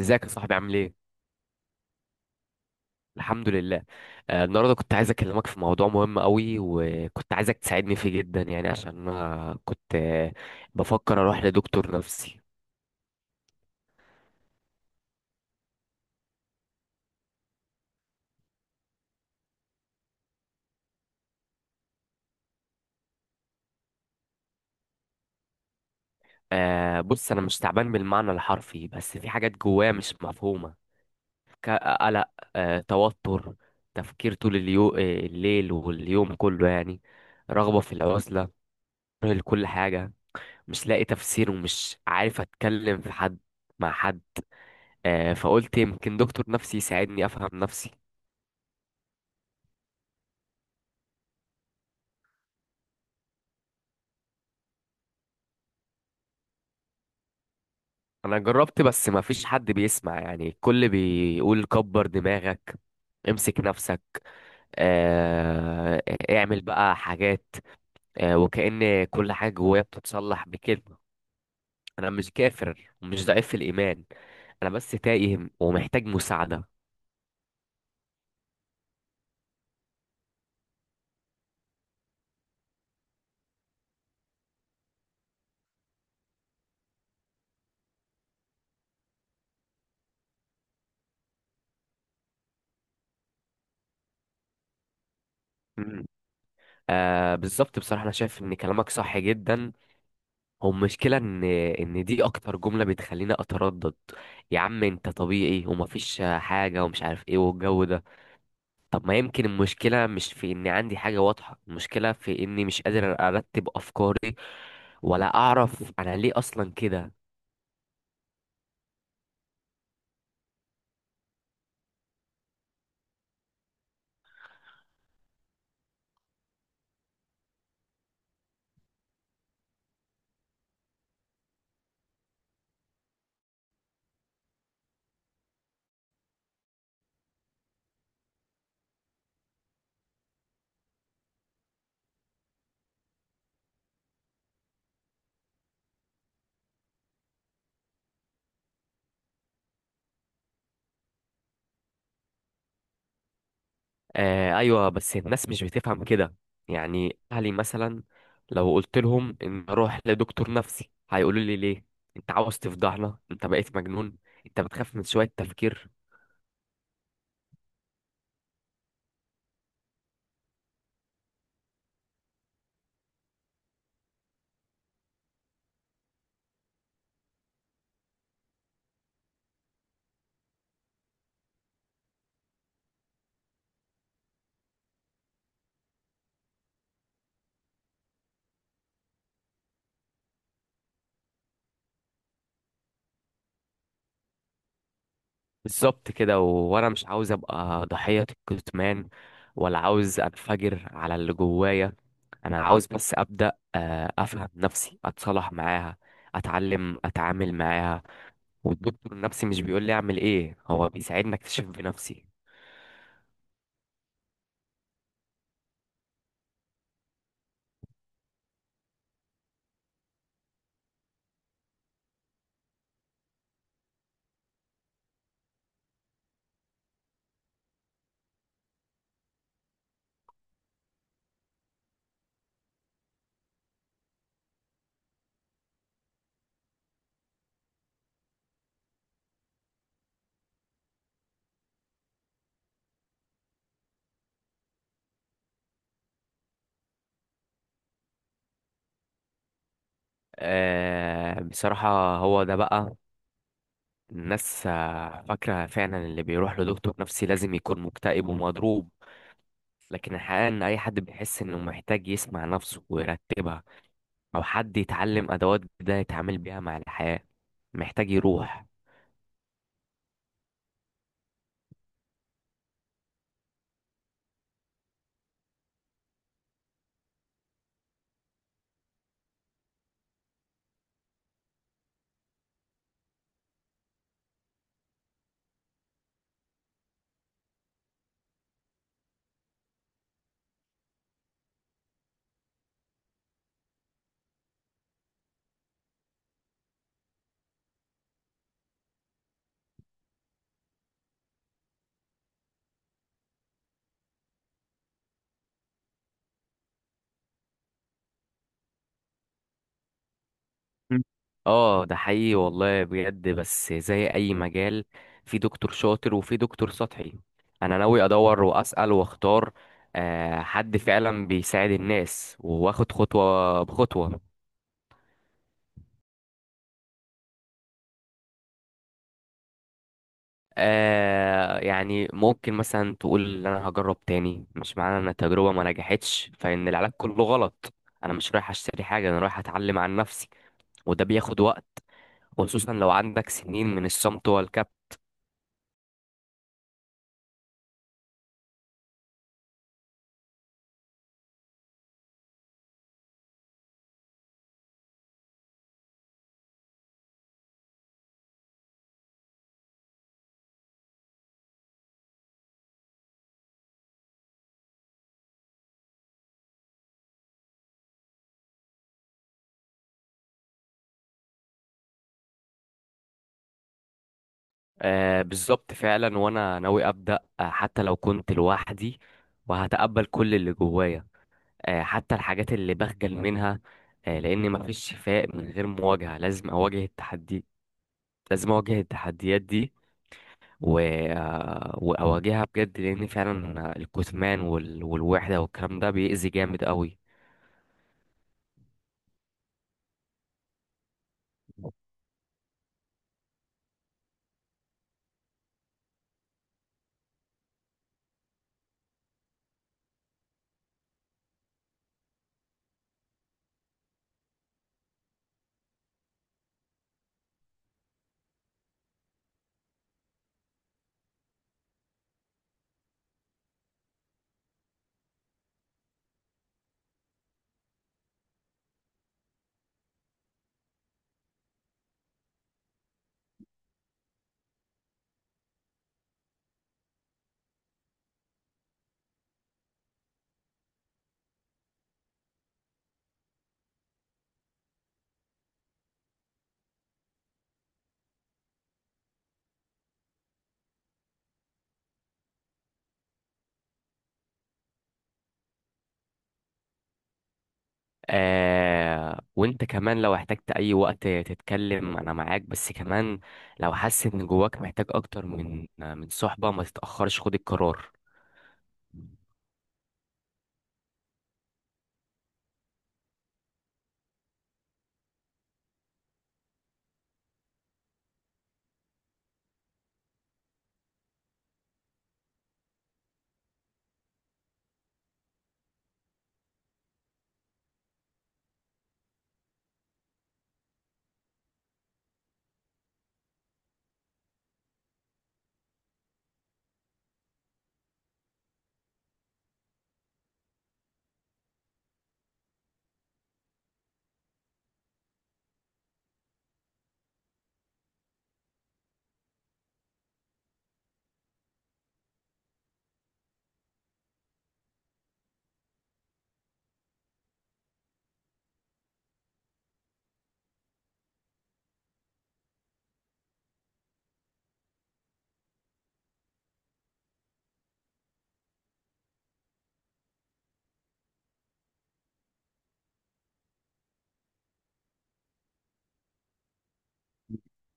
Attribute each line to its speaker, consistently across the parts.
Speaker 1: ازيك يا صاحبي عامل ايه؟ الحمد لله. النهارده كنت عايز اكلمك في موضوع مهم قوي، وكنت عايزك تساعدني فيه جدا يعني، عشان انا كنت بفكر اروح لدكتور نفسي. بص انا مش تعبان بالمعنى الحرفي، بس في حاجات جوايا مش مفهومة. ك- قلق، توتر، تفكير طول اليو... آه، الليل واليوم كله يعني، رغبة في العزلة، كره لكل حاجة. مش لاقي تفسير ومش عارف اتكلم في حد مع حد. فقلت يمكن دكتور نفسي يساعدني افهم نفسي. انا جربت، بس ما فيش حد بيسمع، يعني الكل بيقول كبر دماغك، امسك نفسك، آه، اعمل بقى حاجات، وكأن كل حاجة جوايا بتتصلح بكلمة. انا مش كافر ومش ضعيف في الايمان، انا بس تايه ومحتاج مساعدة. مم. آه بالظبط، بصراحة انا شايف ان كلامك صح جدا. هو المشكلة إن دي أكتر جملة بتخليني أتردد: يا عم أنت طبيعي ومفيش حاجة ومش عارف إيه والجو ده. طب ما يمكن المشكلة مش في إني عندي حاجة واضحة، المشكلة في إني مش قادر أرتب أفكاري ولا أعرف أنا ليه أصلا كده. آه أيوة، بس الناس مش بتفهم كده، يعني أهلي مثلا لو قلت لهم إن أروح لدكتور نفسي هيقولوا لي ليه؟ أنت عاوز تفضحنا؟ أنت بقيت مجنون، أنت بتخاف من شوية تفكير. بالظبط كده، وانا مش عاوز ابقى ضحية الكتمان، ولا عاوز انفجر على اللي جوايا. انا عاوز بس ابدا افهم نفسي، اتصالح معاها، اتعلم اتعامل معاها. والدكتور النفسي مش بيقول لي اعمل ايه، هو بيساعدني اكتشف بنفسي. بصراحة هو ده بقى، الناس فاكرة فعلا اللي بيروح لدكتور نفسي لازم يكون مكتئب ومضروب، لكن الحقيقة ان اي حد بيحس انه محتاج يسمع نفسه ويرتبها، او حد يتعلم ادوات جديده يتعامل بيها مع الحياه، محتاج يروح. مم. اه ده حقيقي والله بجد، بس زي اي مجال، في دكتور شاطر وفي دكتور سطحي. انا ناوي ادور واسال واختار حد فعلا بيساعد الناس واخد خطوه بخطوه. آه يعني ممكن مثلا تقول ان انا هجرب تاني، مش معنى ان التجربه ما نجحتش فان العلاج كله غلط. انا مش رايح اشتري حاجه، انا رايح اتعلم عن نفسي، وده بياخد وقت، وخصوصا لو عندك سنين من الصمت والكب. آه بالظبط فعلا، وانا ناوي ابدا حتى لو كنت لوحدي، وهتقبل كل اللي جوايا حتى الحاجات اللي بخجل منها، لان مفيش شفاء من غير مواجهه. لازم اواجه التحدي، لازم اواجه التحديات دي، و... آه، واواجهها بجد، لان فعلا الكتمان والوحده والكلام ده بيأذي جامد قوي. وانت كمان لو احتجت اي وقت تتكلم انا معاك، بس كمان لو حاسس ان جواك محتاج اكتر من صحبة، ما تتأخرش، خد القرار.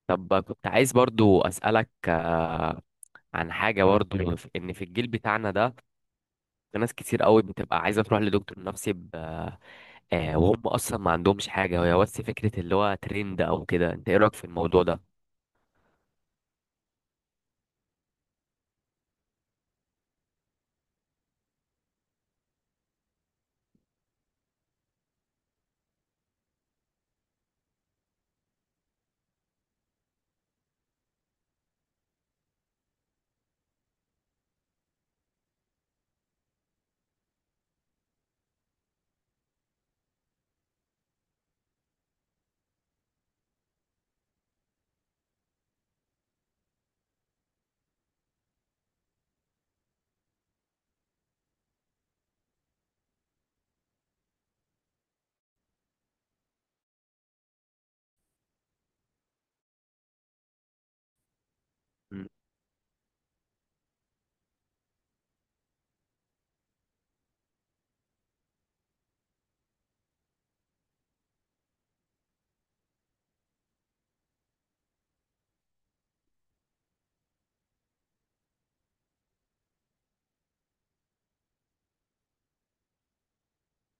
Speaker 1: طب كنت عايز برضو اسألك عن حاجة برضو، ان في الجيل بتاعنا ده في ناس كتير قوي بتبقى عايزة تروح لدكتور نفسي ب... آه وهم اصلا ما عندهمش حاجة، هي بس فكرة اللي هو ترند او كده. انت ايه رأيك في الموضوع ده؟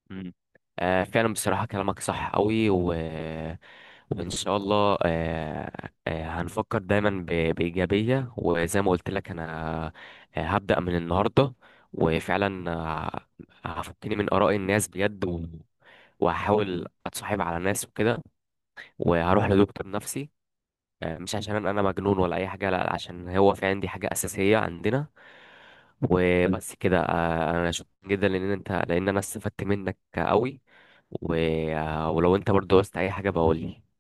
Speaker 1: مم. آه فعلا، بصراحة كلامك صح قوي، وإن شاء الله هنفكر دايما بإيجابية، وزي ما قلت لك أنا هبدأ من النهاردة. وفعلا هفكني من آراء الناس بجد، وهحاول أتصاحب على ناس وكده، وهروح لدكتور نفسي، مش عشان انا مجنون ولا اي حاجه، لا عشان هو في عندي حاجه اساسيه عندنا. وبس كده، انا شكرا جدا لان انت لان انا استفدت منك قوي، و... آه، ولو انت برضو عاوزت اي حاجه بقول لي.